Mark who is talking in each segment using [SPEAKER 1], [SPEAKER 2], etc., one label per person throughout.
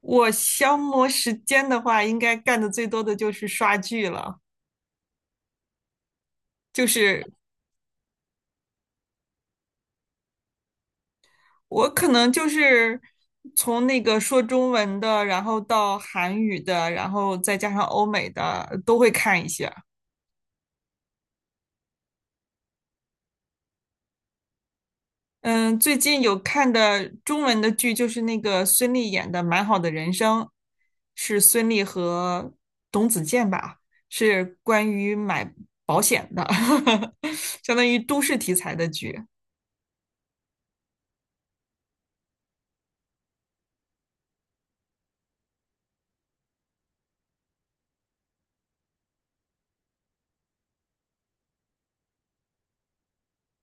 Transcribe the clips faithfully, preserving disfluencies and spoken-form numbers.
[SPEAKER 1] 我消磨时间的话，应该干的最多的就是刷剧了。就是我可能就是从那个说中文的，然后到韩语的，然后再加上欧美的，都会看一些。嗯，最近有看的中文的剧就是那个孙俪演的《蛮好的人生》，是孙俪和董子健吧，是关于买保险的，相当于都市题材的剧。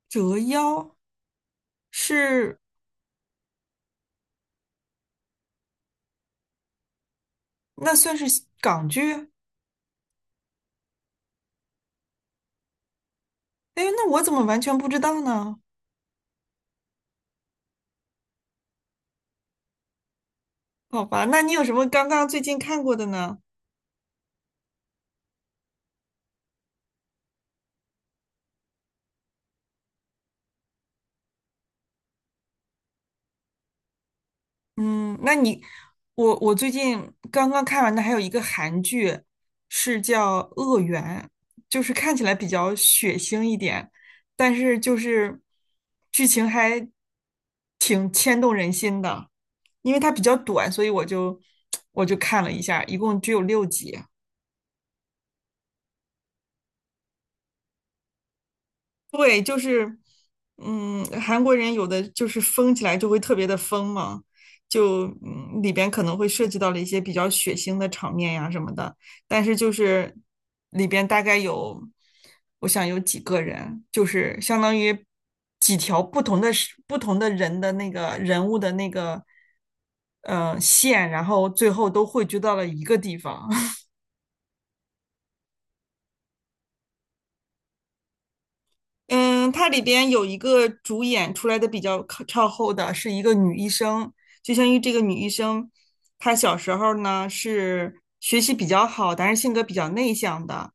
[SPEAKER 1] 折腰是那算是西港剧？哎，那我怎么完全不知道呢？好吧，那你有什么刚刚最近看过的呢？嗯，那你，我我最近刚刚看完的还有一个韩剧，是叫《恶缘》，就是看起来比较血腥一点，但是就是剧情还挺牵动人心的，因为它比较短，所以我就 我就看了一下，一共只有六集。对，就是，嗯，韩国人有的就是疯起来就会特别的疯嘛，就嗯里边可能会涉及到了一些比较血腥的场面呀什么的，但是就是里边大概有，我想有几个人，就是相当于几条不同的是不同的人的那个人物的那个呃线，然后最后都汇聚到了一个地方。嗯，它里边有一个主演出来的比较靠靠后的是一个女医生，就相当于这个女医生，她小时候呢是学习比较好，但是性格比较内向的，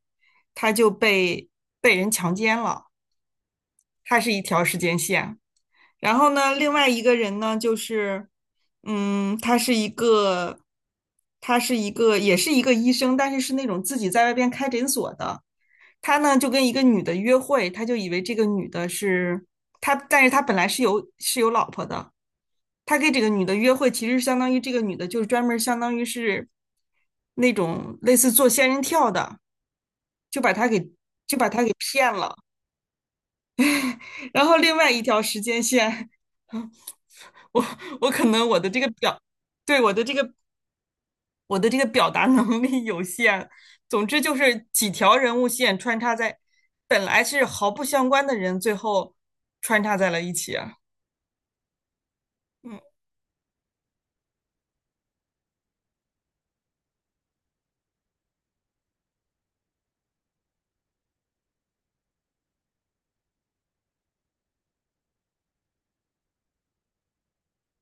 [SPEAKER 1] 她就被被人强奸了，她是一条时间线。然后呢，另外一个人呢就是，嗯，他是一个，他是一个，也是一个医生，但是是那种自己在外边开诊所的。他呢就跟一个女的约会，他就以为这个女的是他，但是他本来是有是有老婆的。他跟这个女的约会，其实相当于这个女的就是专门相当于是那种类似做仙人跳的，就把他给就把他给骗了。然后另外一条时间线，我我可能我的这个表，对我的这个我的这个表达能力有限。总之就是几条人物线穿插在，本来是毫不相关的人，最后穿插在了一起啊。嗯，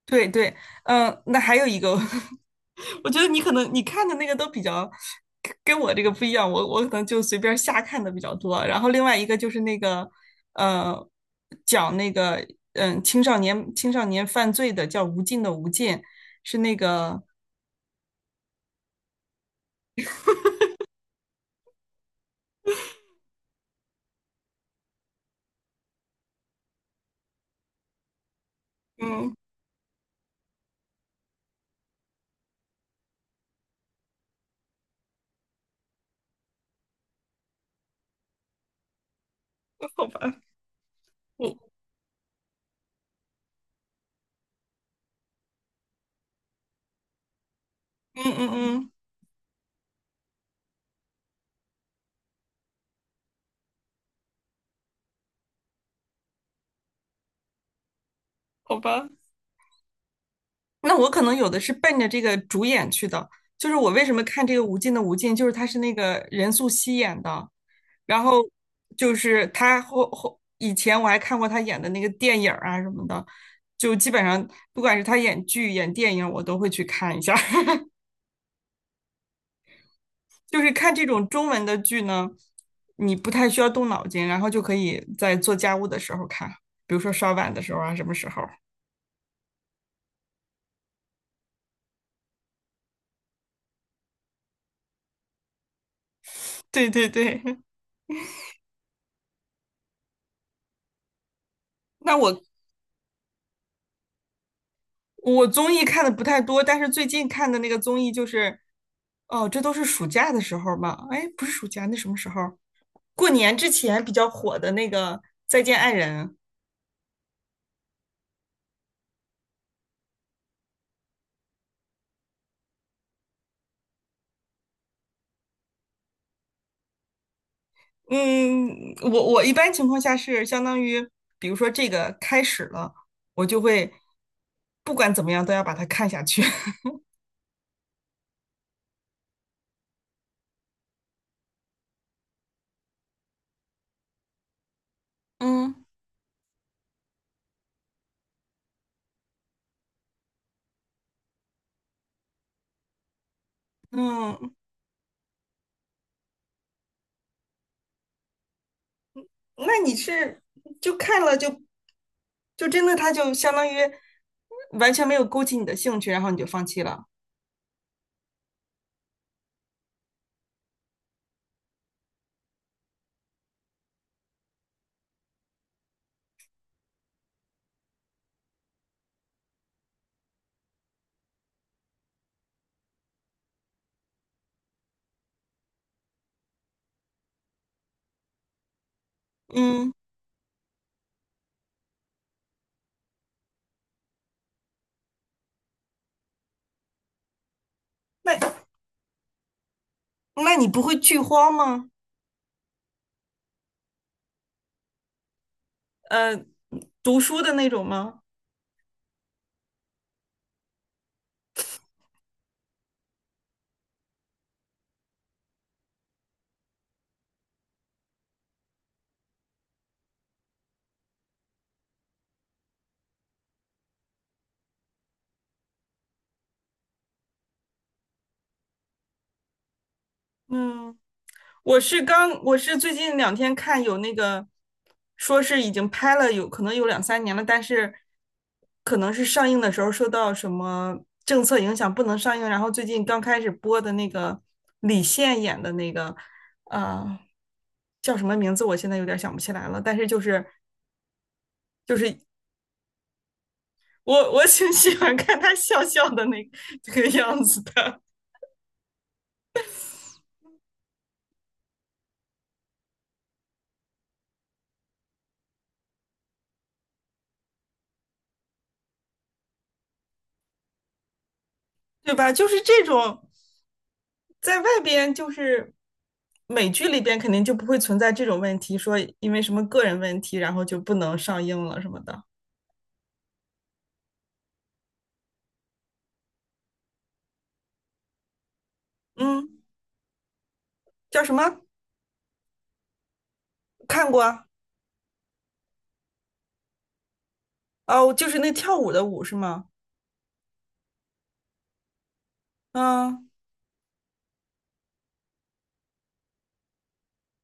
[SPEAKER 1] 对对，嗯，那还有一个，我觉得你可能你看的那个都比较跟跟我这个不一样，我我可能就随便瞎看的比较多。然后另外一个就是那个，呃，讲那个嗯青少年青少年犯罪的叫《无尽的无尽》，是那个嗯，好吧，我嗯嗯嗯。好吧，那我可能有的是奔着这个主演去的，就是我为什么看这个《无尽的无尽》，就是他是那个任素汐演的，然后就是他后后以前我还看过他演的那个电影儿啊什么的，就基本上不管是他演剧演电影，我都会去看一下。就是看这种中文的剧呢，你不太需要动脑筋，然后就可以在做家务的时候看，比如说刷碗的时候啊，什么时候？对对对，那我我综艺看的不太多，但是最近看的那个综艺就是，哦，这都是暑假的时候吧？哎，不是暑假，那什么时候？过年之前比较火的那个《再见爱人》。嗯，我我一般情况下是相当于，比如说这个开始了，我就会不管怎么样都要把它看下去。嗯，嗯，那你是就看了就就真的它就相当于完全没有勾起你的兴趣，然后你就放弃了。嗯，那。那你不会剧荒吗？呃，读书的那种吗？嗯，我是刚，我是最近两天看有那个，说是已经拍了有可能有两三年了，但是可能是上映的时候受到什么政策影响不能上映，然后最近刚开始播的那个李现演的那个，呃，叫什么名字？我现在有点想不起来了，但是就是就是我我挺喜欢看他笑笑的那个这个样子的。对吧？就是这种，在外边就是美剧里边肯定就不会存在这种问题，说因为什么个人问题，然后就不能上映了什么的。嗯，叫什么？看过啊，哦，就是那跳舞的舞是吗？嗯，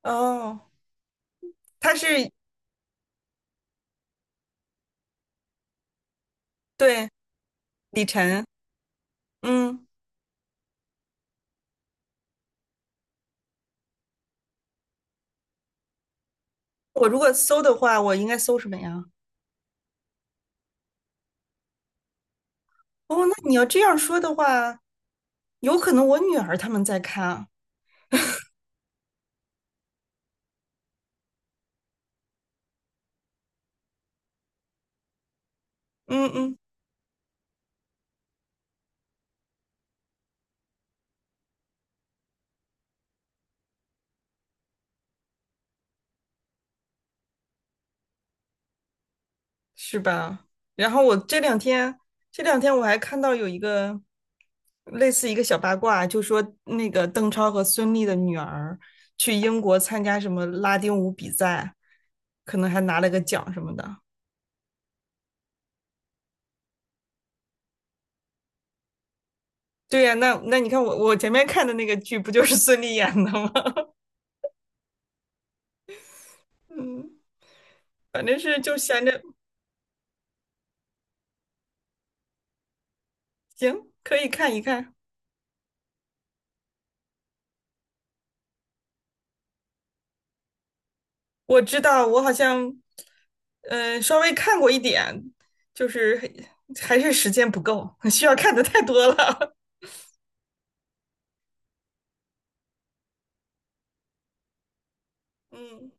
[SPEAKER 1] 哦，他是对李晨。嗯，我如果搜的话，我应该搜什么呀？哦，那你要这样说的话，有可能我女儿他们在看啊。嗯嗯。是吧？然后我这两天，这两天我还看到有一个类似一个小八卦，就说那个邓超和孙俪的女儿去英国参加什么拉丁舞比赛，可能还拿了个奖什么的。对呀，那那你看我我前面看的那个剧不就是孙俪演的吗？嗯，反正是就闲着，行，可以看一看。我知道，我好像，嗯、稍微看过一点，就是还是时间不够，需要看的太多了。嗯，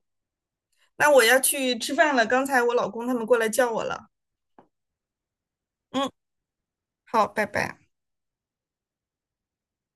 [SPEAKER 1] 那我要去吃饭了，刚才我老公他们过来叫我了。嗯，好，拜拜。